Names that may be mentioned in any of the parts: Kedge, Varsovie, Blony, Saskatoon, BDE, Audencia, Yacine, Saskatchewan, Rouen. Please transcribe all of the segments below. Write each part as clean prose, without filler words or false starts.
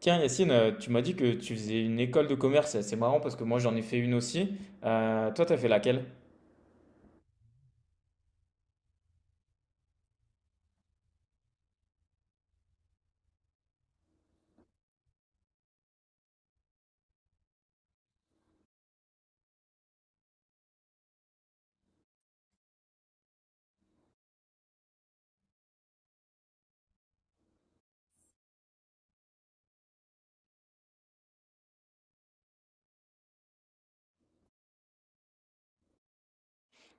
Tiens, Yacine, tu m'as dit que tu faisais une école de commerce. C'est marrant parce que moi, j'en ai fait une aussi. Toi, t'as fait laquelle?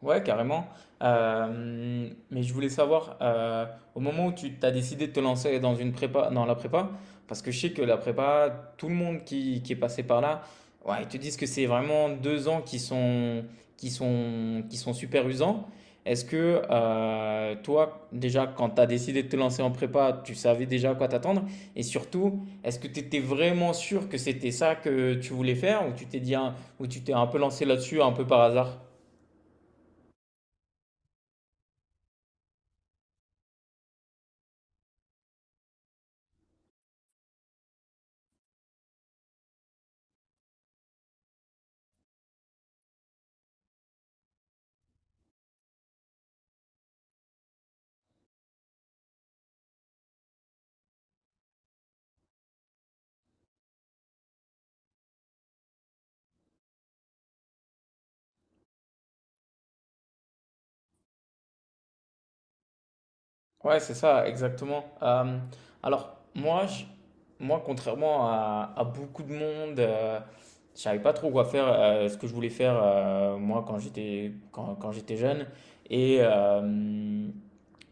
Ouais, carrément. Mais je voulais savoir, au moment où tu t'as décidé de te lancer dans une prépa, dans la prépa, parce que je sais que la prépa, tout le monde qui est passé par là, ouais, ils te disent que c'est vraiment 2 ans qui sont super usants. Est-ce que toi, déjà, quand tu as décidé de te lancer en prépa, tu savais déjà à quoi t'attendre? Et surtout, est-ce que tu étais vraiment sûr que c'était ça que tu voulais faire ou tu t'es un peu lancé là-dessus un peu par hasard? Ouais, c'est ça, exactement. Alors, moi, je- moi, contrairement à beaucoup de monde, je savais pas trop quoi faire, ce que je voulais faire, moi, quand j'étais jeune. Et, euh,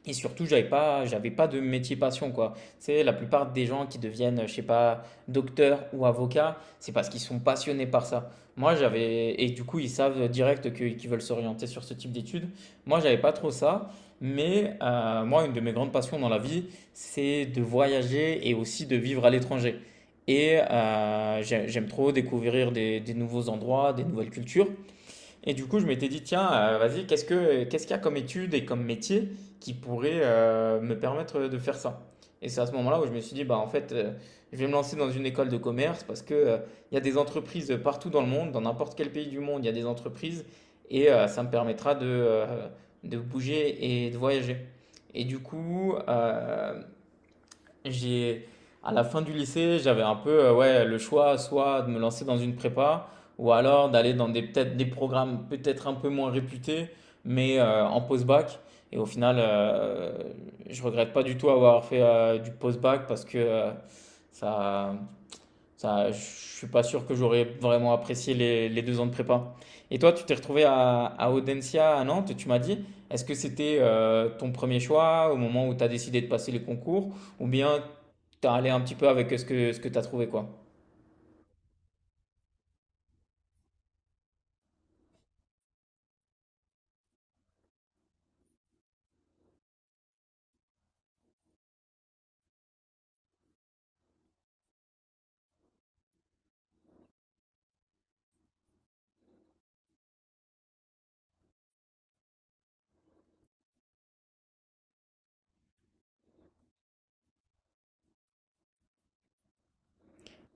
et surtout, j'avais pas de métier passion, quoi. C'est la plupart des gens qui deviennent, je sais pas, docteur ou avocat, c'est parce qu'ils sont passionnés par ça. Moi, et du coup, ils savent direct qu'ils veulent s'orienter sur ce type d'études. Moi, j'avais pas trop ça, mais moi, une de mes grandes passions dans la vie, c'est de voyager et aussi de vivre à l'étranger. Et j'aime trop découvrir des nouveaux endroits, des nouvelles cultures. Et du coup, je m'étais dit, tiens, vas-y, qu'est-ce qu'il y a comme étude et comme métier qui pourrait me permettre de faire ça? Et c'est à ce moment-là où je me suis dit, bah, en fait, je vais me lancer dans une école de commerce parce que, il y a des entreprises partout dans le monde, dans n'importe quel pays du monde, il y a des entreprises et ça me permettra de bouger et de voyager. Et du coup, j'ai, à la fin du lycée, j'avais un peu ouais, le choix soit de me lancer dans une prépa ou alors d'aller dans des, peut-être des programmes peut-être un peu moins réputés, mais en post-bac. Et au final, je regrette pas du tout avoir fait du post-bac parce que ça, je suis pas sûr que j'aurais vraiment apprécié les 2 ans de prépa. Et toi, tu t'es retrouvé à Audencia à Nantes, tu m'as dit. Est-ce que c'était ton premier choix au moment où tu as décidé de passer les concours ou bien tu as allé un petit peu avec ce que tu as trouvé quoi?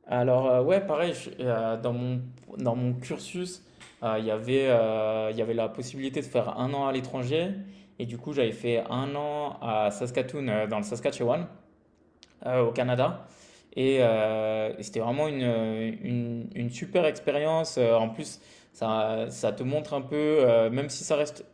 Alors, ouais, pareil, dans mon cursus, il y avait la possibilité de faire un an à l'étranger. Et du coup, j'avais fait un an à Saskatoon, dans le Saskatchewan, au Canada. Et c'était vraiment une super expérience. En plus, ça te montre un peu, même si ça reste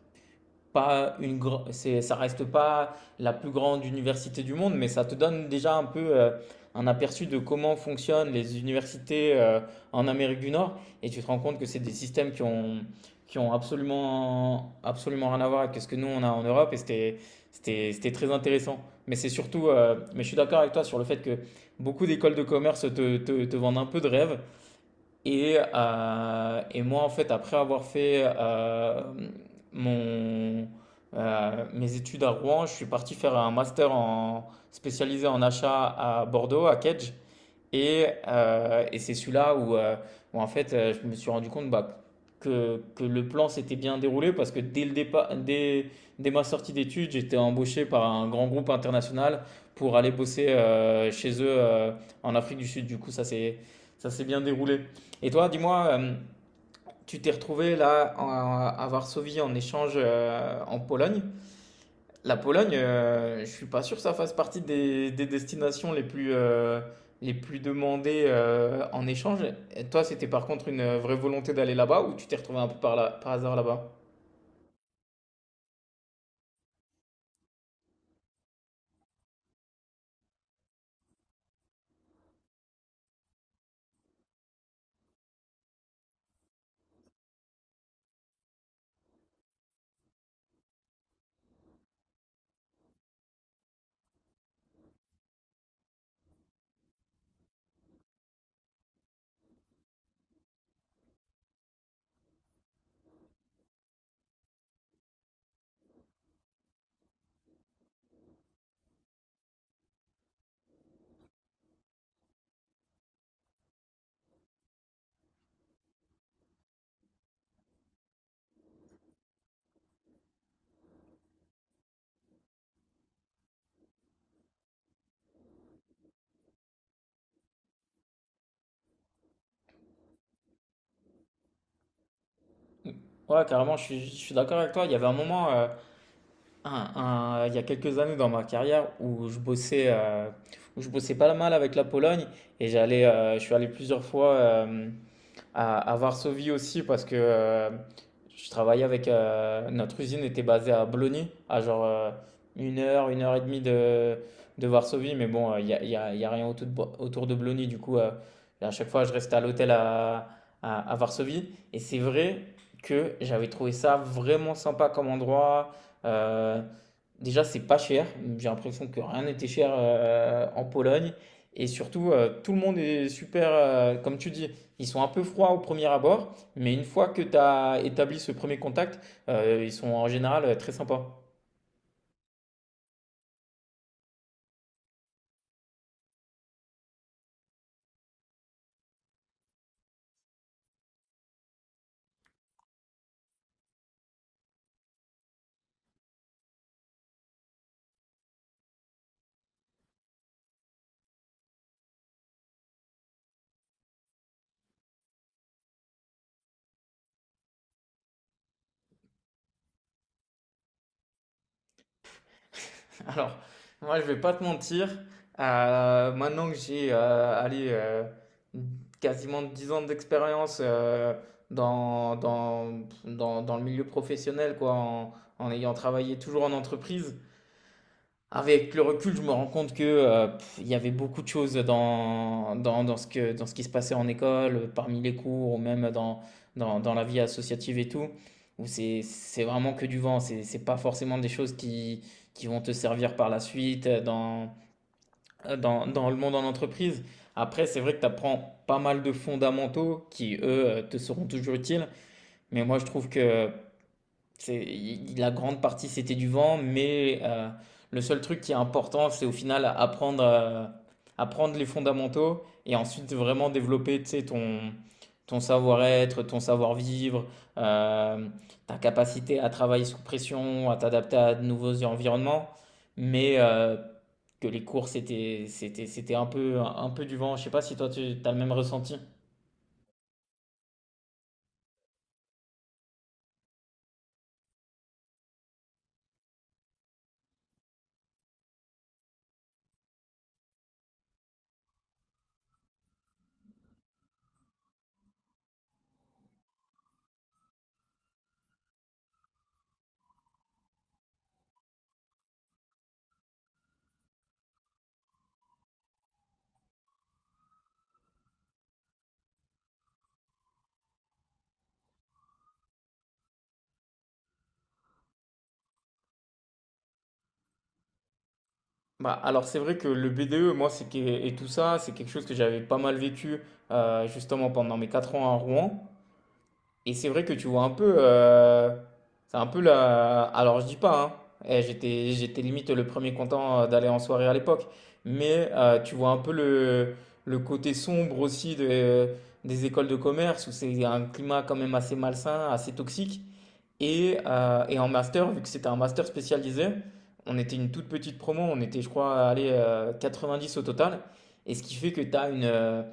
pas une gr- c'est ça reste pas la plus grande université du monde, mais ça te donne déjà un peu un aperçu de comment fonctionnent les universités en Amérique du Nord. Et tu te rends compte que c'est des systèmes qui ont absolument absolument rien à voir avec ce que nous on a en Europe. Et c'était très intéressant, mais c'est surtout mais je suis d'accord avec toi sur le fait que beaucoup d'écoles de commerce te vendent un peu de rêve. Et, et moi, en fait, après avoir fait mon, mes études à Rouen, je suis parti faire un master spécialisé en achat à Bordeaux, à Kedge. Et c'est celui-là où, en fait, je me suis rendu compte bah, que le plan s'était bien déroulé parce que dès le départ, dès ma sortie d'études, j'étais embauché par un grand groupe international pour aller bosser chez eux en Afrique du Sud. Du coup, ça s'est bien déroulé. Et toi, dis-moi, tu t'es retrouvé là en- à Varsovie en échange en Pologne. La Pologne, je suis pas sûr que ça fasse partie des destinations les plus demandées en échange. Et toi, c'était par contre une vraie volonté d'aller là-bas ou tu t'es retrouvé un peu par hasard là-bas? Ouais, carrément, je suis d'accord avec toi. Il y avait un moment, un- il y a quelques années dans ma carrière où je bossais pas mal avec la Pologne. Et j'allais, je suis allé plusieurs fois, à Varsovie aussi parce que je travaillais avec notre usine était basée à Blony, à genre une heure et demie de Varsovie. Mais bon, il n'y a, y a- y a rien autour autour de Blony. Du coup, à chaque fois, je restais à l'hôtel à Varsovie, et c'est vrai que j'avais trouvé ça vraiment sympa comme endroit. Euh, déjà, c'est pas cher, j'ai l'impression que rien n'était cher en Pologne, et surtout, tout le monde est super, comme tu dis. Ils sont un peu froids au premier abord, mais une fois que tu as établi ce premier contact, ils sont en général très sympas. Alors, moi, je vais pas te mentir, maintenant que quasiment 10 ans d'expérience dans le milieu professionnel, quoi, en ayant travaillé toujours en entreprise. Avec le recul, je me rends compte il y avait beaucoup de choses dans dans dans ce que dans ce qui se passait en école, parmi les cours ou même dans dans dans la vie associative et tout, où c'est vraiment que du vent. C'est pas forcément des choses qui vont te servir par la suite, dans le monde en entreprise. Après, c'est vrai que tu apprends pas mal de fondamentaux qui, eux, te seront toujours utiles. Mais moi, je trouve que la grande partie, c'était du vent, mais le seul truc qui est important, c'est au final apprendre, apprendre les fondamentaux et ensuite vraiment développer, tu sais, ton savoir-être, ton savoir-vivre, euh, ta capacité à travailler sous pression, à t'adapter à de nouveaux environnements. Mais que les cours, c'était un peu du vent. Je sais pas si toi, tu as le même ressenti. Bah, alors c'est vrai que le BDE, moi, et tout ça, c'est quelque chose que j'avais pas mal vécu justement pendant mes 4 ans à Rouen. Et c'est vrai que tu vois un peu, c'est un peu la. Alors je dis pas, hein, eh, j'étais limite le premier content d'aller en soirée à l'époque, mais tu vois un peu le côté sombre des écoles de commerce où c'est un climat quand même assez malsain, assez toxique. Et en master, vu que c'était un master spécialisé, on était une toute petite promo, on était, je crois, allez, 90 au total. Et ce qui fait que tu as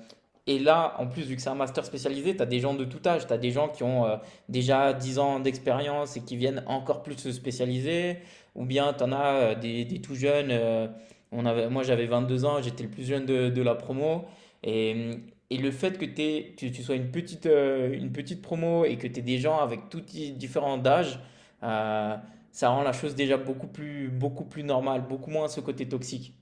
et là, en plus, vu que c'est un master spécialisé, tu as des gens de tout âge. Tu as des gens qui ont déjà 10 ans d'expérience et qui viennent encore plus se spécialiser. Ou bien tu en as des tout jeunes. On avait, moi, j'avais 22 ans, j'étais le plus jeune de la promo. Et, et le fait que tu sois une petite promo et que tu aies des gens avec différents d'âge, euh, ça rend la chose déjà beaucoup plus normale, beaucoup moins ce côté toxique.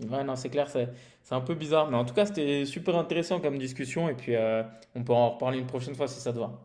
Ouais, non, c'est clair, c'est un peu bizarre. Mais en tout cas, c'était super intéressant comme discussion. Et puis, on peut en reparler une prochaine fois si ça te va.